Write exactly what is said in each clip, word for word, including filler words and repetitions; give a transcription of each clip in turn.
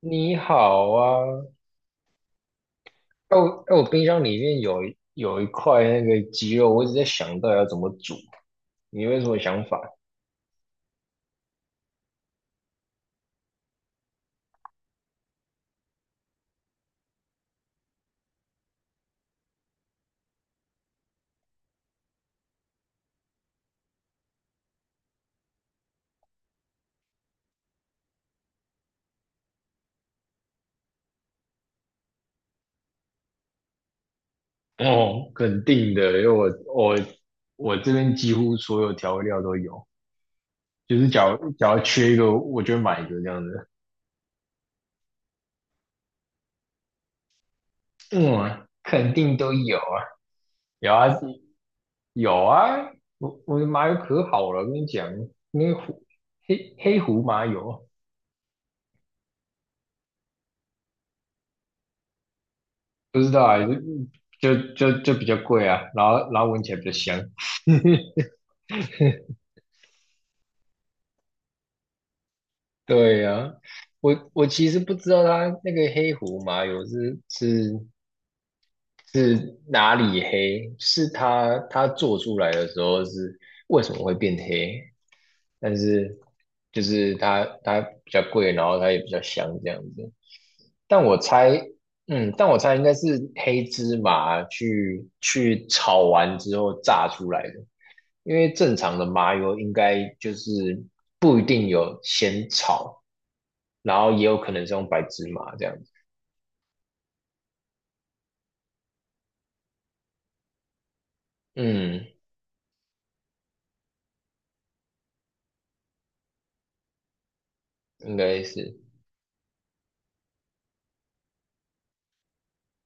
你好啊，哦，我哎我冰箱里面有一有一块那个鸡肉，我一直在想到底要怎么煮。你有什么想法？哦，肯定的，因为我我我这边几乎所有调味料都有，就是假如假如缺一个，我就会买一个这样子。嗯，肯定都有啊，有啊，有啊，我我的麻油可好了，我跟你讲，那个胡黑黑胡麻油不知道啊，就就就就比较贵啊，然后然后闻起来比较香。对呀、我我其实不知道它那个黑胡麻油是是是哪里黑，是它它做出来的时候是为什么会变黑，但是就是它它比较贵，然后它也比较香这样子。但我猜，嗯，但我猜应该是黑芝麻去去炒完之后炸出来的。因为正常的麻油应该就是不一定有先炒，然后也有可能是用白芝麻这样子。嗯，应该是，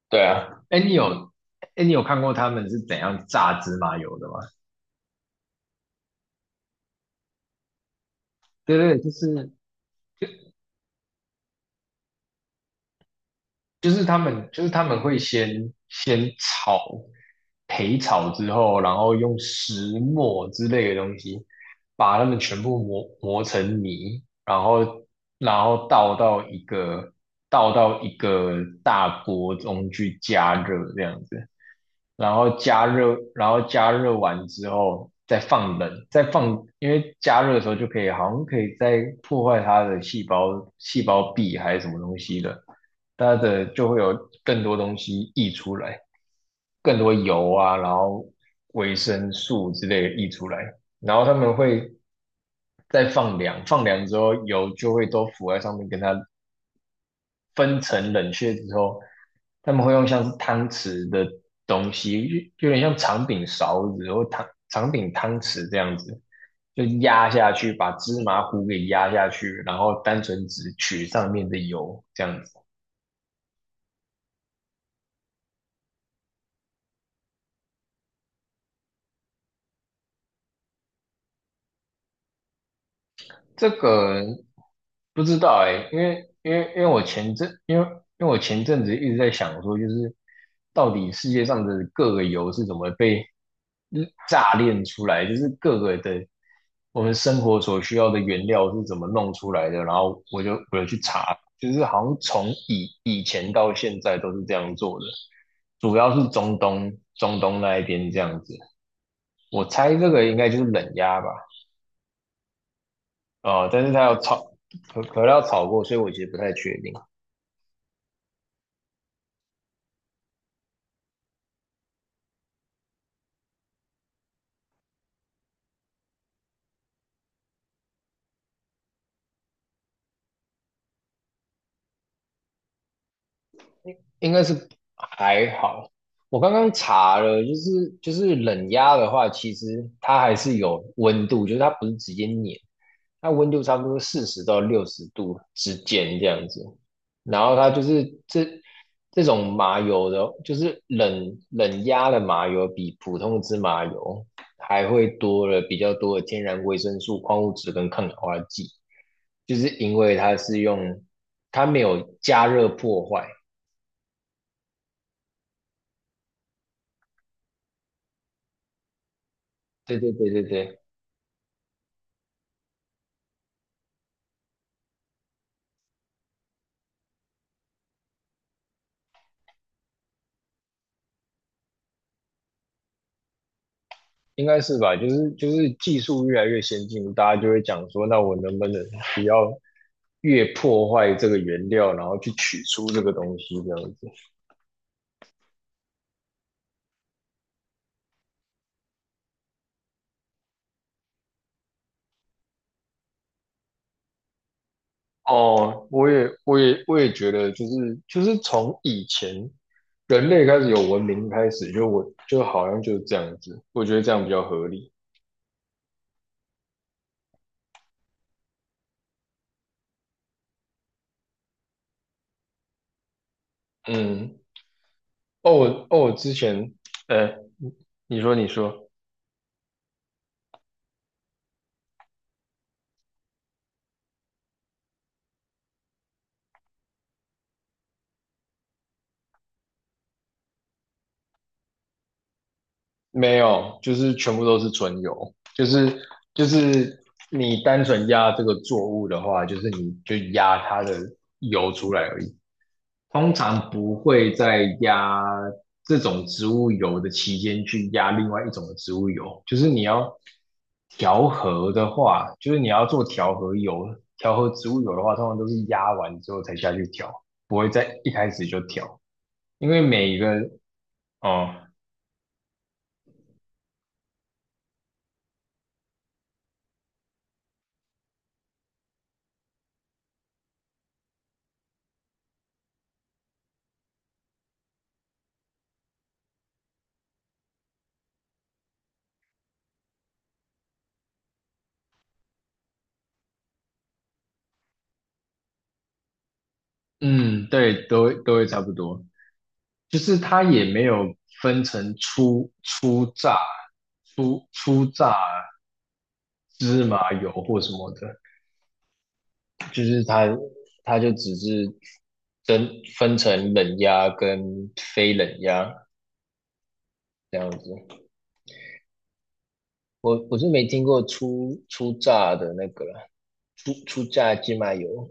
对啊。哎，你有哎，你有看过他们是怎样榨芝麻油的吗？对对，就是就是他们就是他们会先先炒焙炒之后，然后用石磨之类的东西把它们全部磨磨成泥，然后然后倒到一个倒到一个大锅中去加热这样子。然后加热，然后加热完之后再放冷，再放，因为加热的时候就可以，好像可以再破坏它的细胞细胞壁还是什么东西的，它的就会有更多东西溢出来，更多油啊，然后维生素之类的溢出来，然后他们会再放凉，放凉之后油就会都浮在上面，跟它分层冷却之后，他们会用像是汤匙的东西，就有点像长柄勺子或汤长柄汤匙这样子，就压下去，把芝麻糊给压下去，然后单纯只取上面的油这样子。这个不知道哎、因为因为因为我前阵因为因为我前阵子一直在想说，就是到底世界上的各个油是怎么被炸炼出来，就是各个的我们生活所需要的原料是怎么弄出来的，然后我就我就去查，就是好像从以以前到现在都是这样做的，主要是中东中东那一边这样子，我猜这个应该就是冷压吧。啊、但是它要炒可可乐要炒过，所以我其实不太确定，应该是还好。我刚刚查了，就是就是冷压的话，其实它还是有温度，就是它不是直接碾，它温度差不多四十到六十度之间这样子。然后它就是这这种麻油的，就是冷冷压的麻油，比普通的芝麻油还会多了比较多的天然维生素、矿物质跟抗氧化剂，就是因为它是用它没有加热破坏。对对对对对，应该是吧？就是就是技术越来越先进，大家就会讲说，那我能不能不要越破坏这个原料，然后去取出这个东西这样子。哦，我也，我也，我也觉得，就是就是从以前人类开始有文明开始，就我就好像就是这样子，我觉得这样比较合理。嗯，哦，哦，之前，呃，你说你说，没有，就是全部都是纯油，就是就是你单纯压这个作物的话，就是你就压它的油出来而已。通常不会在压这种植物油的期间去压另外一种的植物油，就是你要调和的话，就是你要做调和油、调和植物油的话，通常都是压完之后才下去调，不会在一开始就调，因为每一个，哦，嗯，对，都会都会差不多，就是它也没有分成初初榨、初初榨芝麻油或什么的，就是它它就只是分分成冷压跟非冷压这样子。我我是没听过出出榨的那个出出初榨鸡麻油。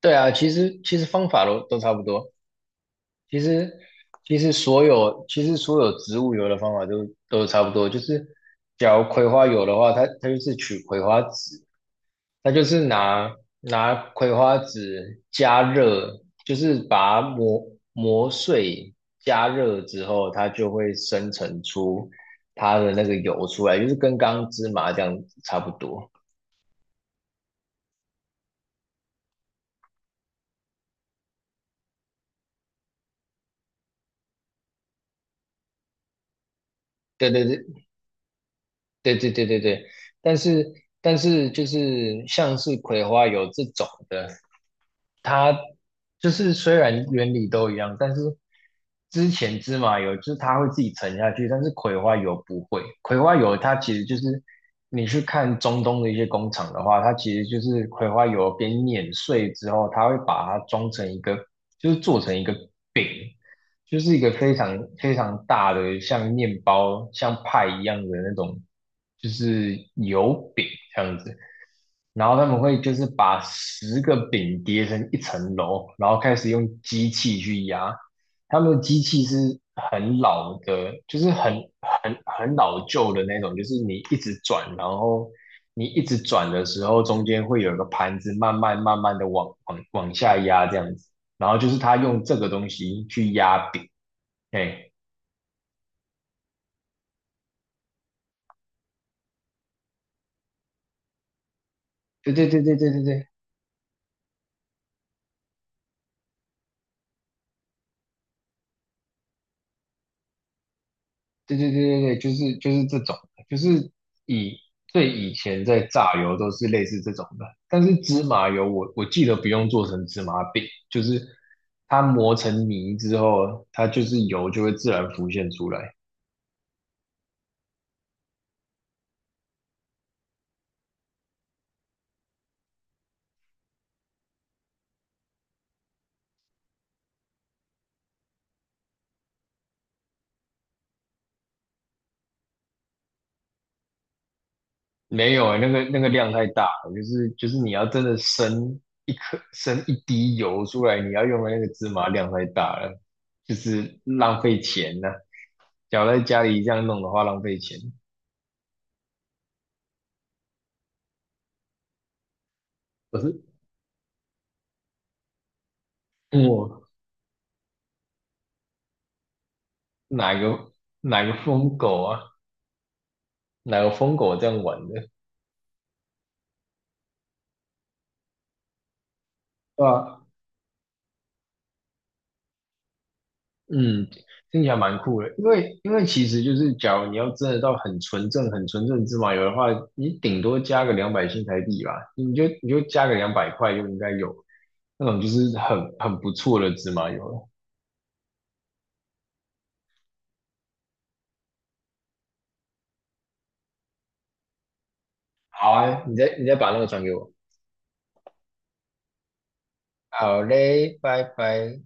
对啊，其实其实方法都都差不多。其实其实所有其实所有植物油的方法都都差不多，就是假如葵花油的话，它它就是取葵花籽，它就是拿拿葵花籽加热，就是把它磨磨碎加热之后，它就会生成出它的那个油出来，就是跟刚刚芝麻这样差不多。对对对对对对对对，但是但是就是像是葵花油这种的，它就是虽然原理都一样，但是之前芝麻油就是它会自己沉下去，但是葵花油不会。葵花油它其实就是你去看中东的一些工厂的话，它其实就是葵花油边碾碎之后，它会把它装成一个，就是做成一个饼，就是一个非常非常大的像面包、像派一样的那种，就是油饼这样子。然后他们会就是把十个饼叠成一层楼，然后开始用机器去压。他们的机器是很老的，就是很很很老旧的那种，就是你一直转，然后你一直转的时候，中间会有一个盘子慢慢慢慢的往往往下压这样子。然后就是他用这个东西去压饼，哎，对对对对对对对。对对对对对，就是就是这种的就是以最以前在榨油都是类似这种的，但是芝麻油我我记得不用做成芝麻饼，就是它磨成泥之后，它就是油就会自然浮现出来。没有欸，那个那个量太大了，就是就是你要真的生一颗生一滴油出来，你要用的那个芝麻量太大了，就是浪费钱呐、假如在家里这样弄的话，浪费钱。可是我，哪个，哪个疯狗啊，哪个疯狗这样玩的？啊，嗯，听起来蛮酷的，因为因为其实就是，假如你要真的到很纯正、很纯正芝麻油的话，你顶多加个两百新台币吧，你就你就加个两百块就应该有那种就是很很不错的芝麻油了。好啊，你再你再把那个转给我。好嘞，拜拜。